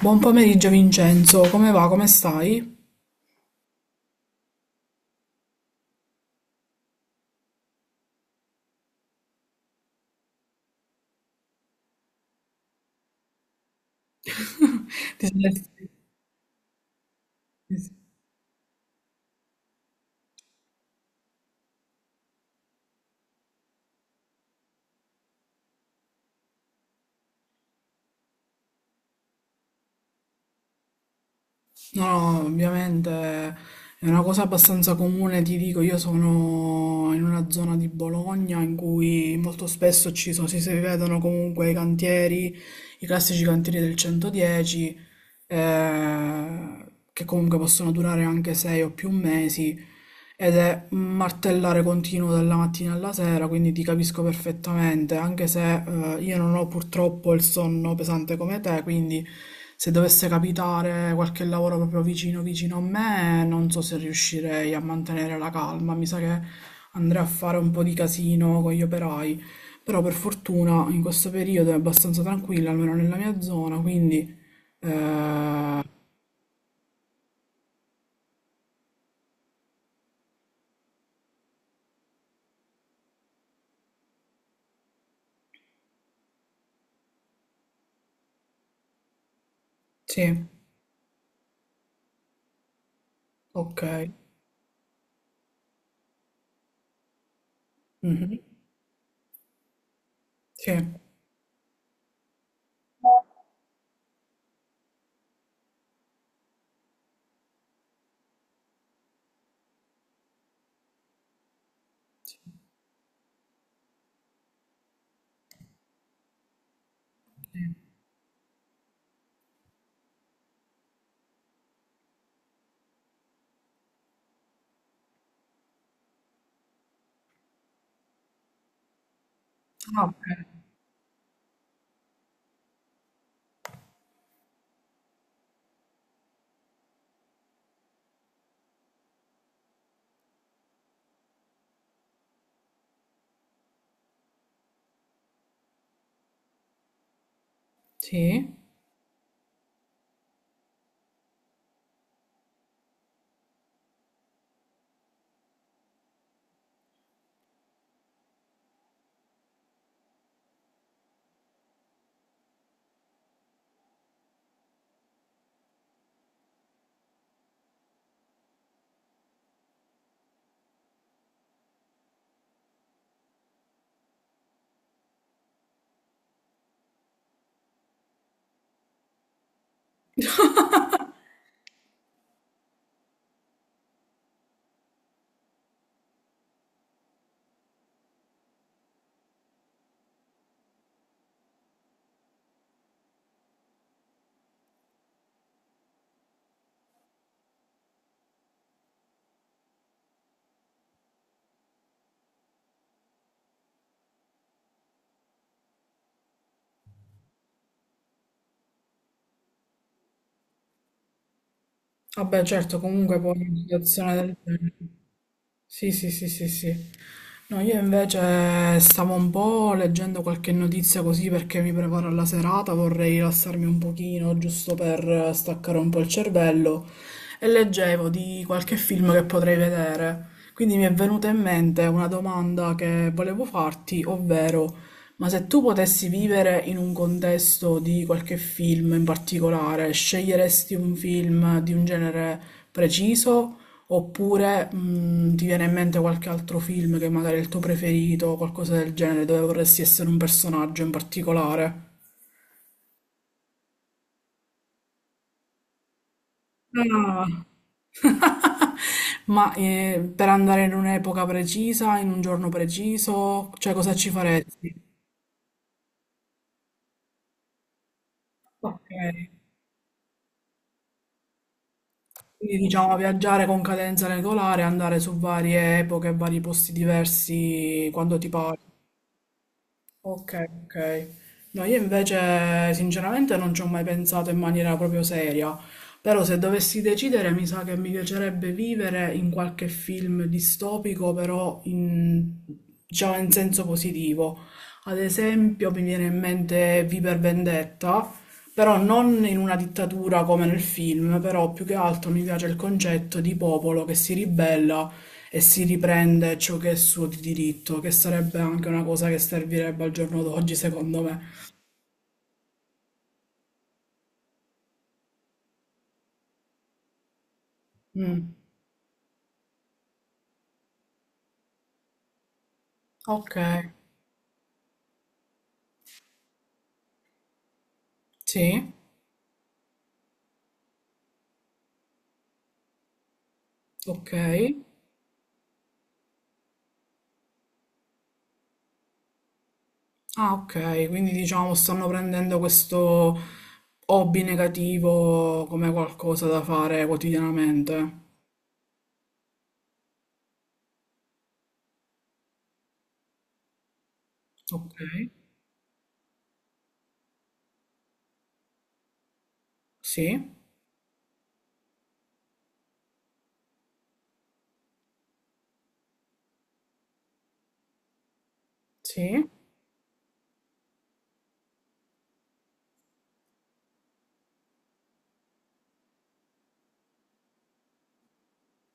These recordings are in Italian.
Buon pomeriggio Vincenzo, come va? Come stai? Ti sei- No, no, ovviamente è una cosa abbastanza comune, ti dico, io sono in una zona di Bologna in cui molto spesso ci sono, si vedono comunque i cantieri, i classici cantieri del 110 eh, che comunque possono durare anche sei o più mesi, ed è un martellare continuo dalla mattina alla sera, quindi ti capisco perfettamente, anche se io non ho purtroppo il sonno pesante come te, quindi se dovesse capitare qualche lavoro proprio vicino a me, non so se riuscirei a mantenere la calma, mi sa che andrei a fare un po' di casino con gli operai. Però per fortuna in questo periodo è abbastanza tranquilla, almeno nella mia zona, quindi eh, sì, ok. Mhm. Sì. Ah, ok. Sì. Vabbè, certo, comunque poi in situazione del genere. Sì, sì, sì, sì, sì. No, io invece stavo un po' leggendo qualche notizia così perché mi preparo alla serata, vorrei rilassarmi un pochino, giusto per staccare un po' il cervello, e leggevo di qualche film che potrei vedere. Quindi mi è venuta in mente una domanda che volevo farti, ovvero, ma se tu potessi vivere in un contesto di qualche film in particolare, sceglieresti un film di un genere preciso? Oppure, ti viene in mente qualche altro film che magari è il tuo preferito o qualcosa del genere, dove vorresti essere un personaggio in particolare? Ah. Ma per andare in un'epoca precisa, in un giorno preciso, cioè cosa ci faresti? Ok, quindi diciamo viaggiare con cadenza regolare, andare su varie epoche, vari posti diversi quando ti pare. Ok, ok. No, io invece sinceramente non ci ho mai pensato in maniera proprio seria, però se dovessi decidere mi sa che mi piacerebbe vivere in qualche film distopico, però in, diciamo in senso positivo. Ad esempio mi viene in mente Viver Vendetta, però non in una dittatura come nel film, però più che altro mi piace il concetto di popolo che si ribella e si riprende ciò che è suo di diritto, che sarebbe anche una cosa che servirebbe al giorno d'oggi, secondo me. Mm, ok, sì, ok. Ah, ok, quindi diciamo stanno prendendo questo hobby negativo come qualcosa da fare quotidianamente. Ok, sì, sì,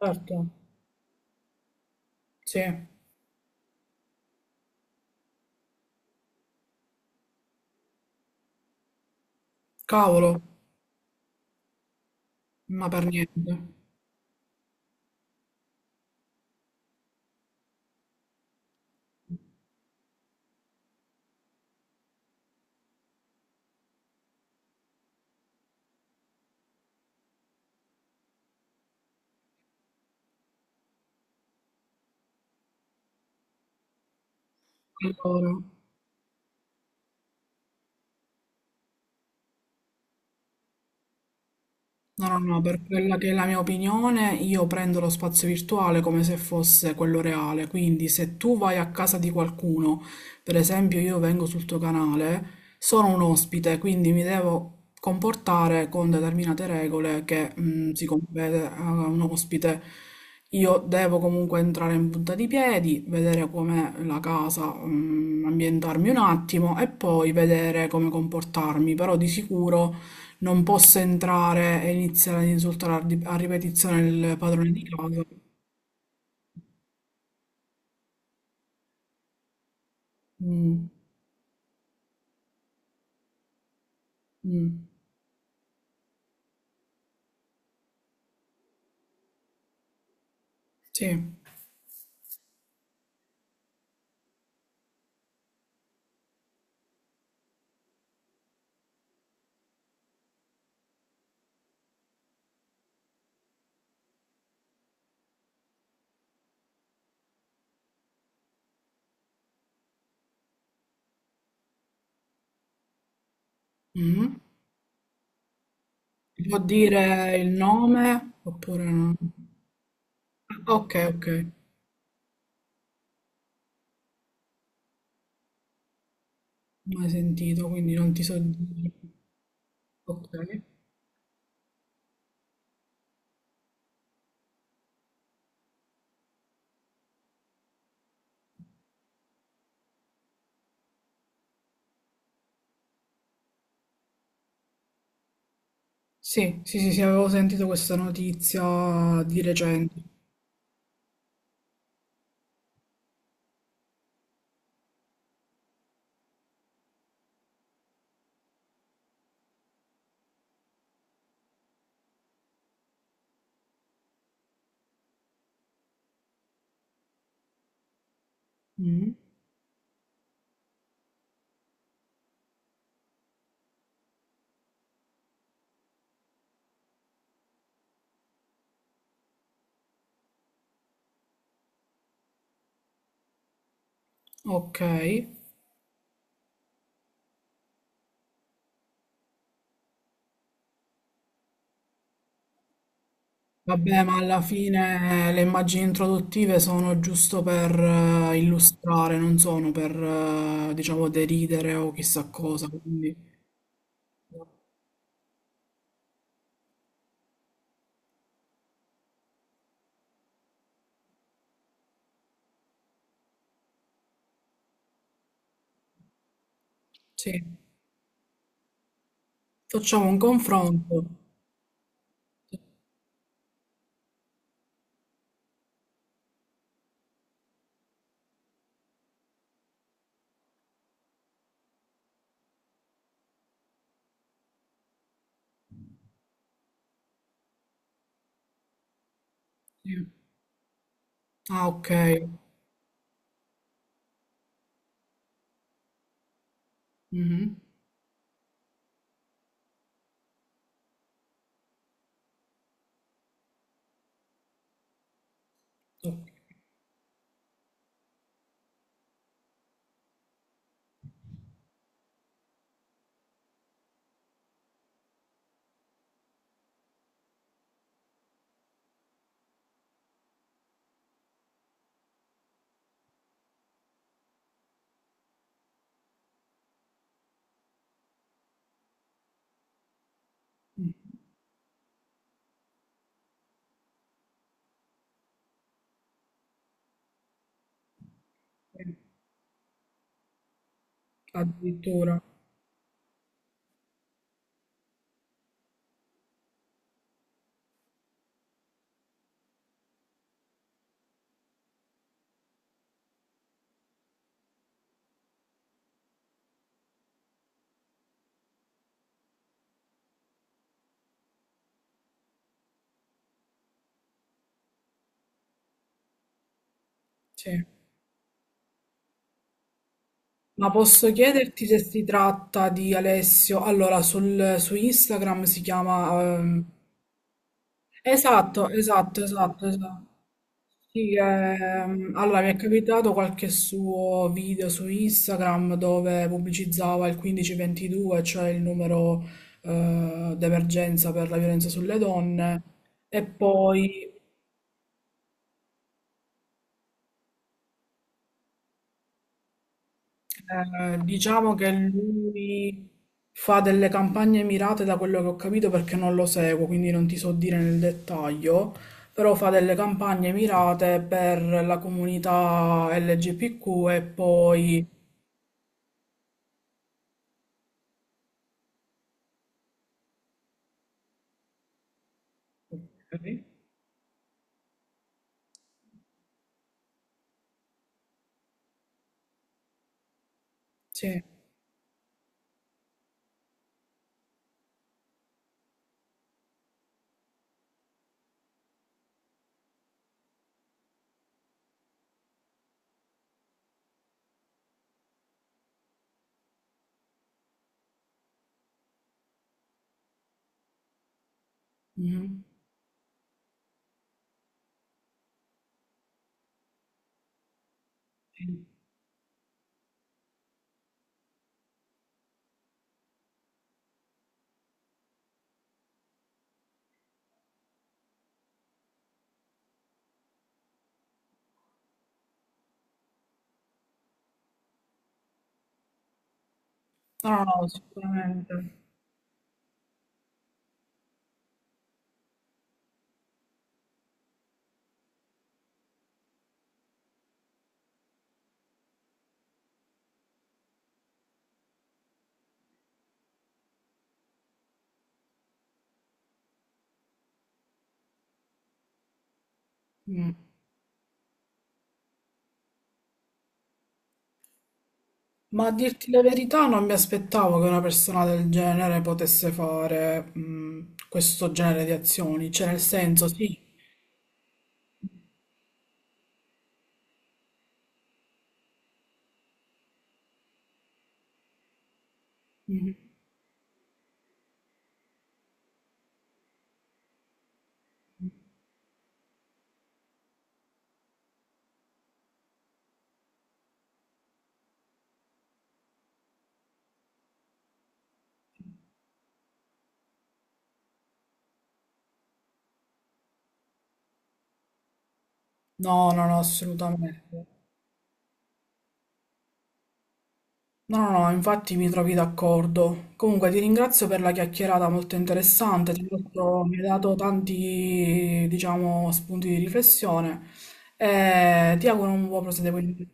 certo, sì. Cavolo. Ma per niente. Allora. No, no, no, per quella che è la mia opinione, io prendo lo spazio virtuale come se fosse quello reale, quindi se tu vai a casa di qualcuno, per esempio io vengo sul tuo canale, sono un ospite, quindi mi devo comportare con determinate regole che si compete a un ospite. Io devo comunque entrare in punta di piedi, vedere com'è la casa, ambientarmi un attimo e poi vedere come comportarmi, però di sicuro... Non posso entrare e iniziare ad insultare a ripetizione il padrone di casa. Mm, mm, sì. Mm. Può dire il nome oppure no? Ah, ok, ok. Mai sentito, quindi non ti so dire. Ok. Sì, sì, sì, sì, avevo sentito questa notizia di recente. Mm. Ok. Vabbè, ma alla fine le immagini introduttive sono giusto per illustrare, non sono per, diciamo, deridere o chissà cosa. Quindi, sì, facciamo un confronto. Sì. Ah, ok. Mhm. Ok. Addirittura, sì. Ma posso chiederti se si tratta di Alessio? Allora, sul, su Instagram si chiama... Esatto, esatto, esatto, esatto. Sì, allora mi è capitato qualche suo video su Instagram dove pubblicizzava il 1522, cioè il numero d'emergenza per la violenza sulle donne, e poi diciamo che lui fa delle campagne mirate da quello che ho capito perché non lo seguo, quindi non ti so dire nel dettaglio, però fa delle campagne mirate per la comunità LGBTQ e poi... Sì. Mm. Sì. No, no, sicuramente. Mm. Ma a dirti la verità, non mi aspettavo che una persona del genere potesse fare questo genere di azioni, cioè nel senso, sì. Mm. No, no, no, assolutamente. No, no, no, infatti mi trovi d'accordo. Comunque ti ringrazio per la chiacchierata molto interessante, mi hai dato tanti, diciamo, spunti di riflessione e ti auguro un buon proseguimento.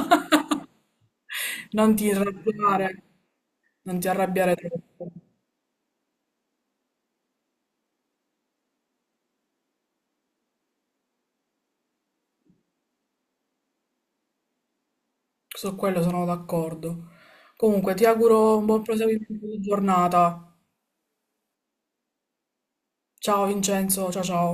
Non ti arrabbiare, non ti arrabbiare troppo. Su quello sono d'accordo. Comunque, ti auguro un buon proseguimento di giornata. Ciao Vincenzo, ciao ciao.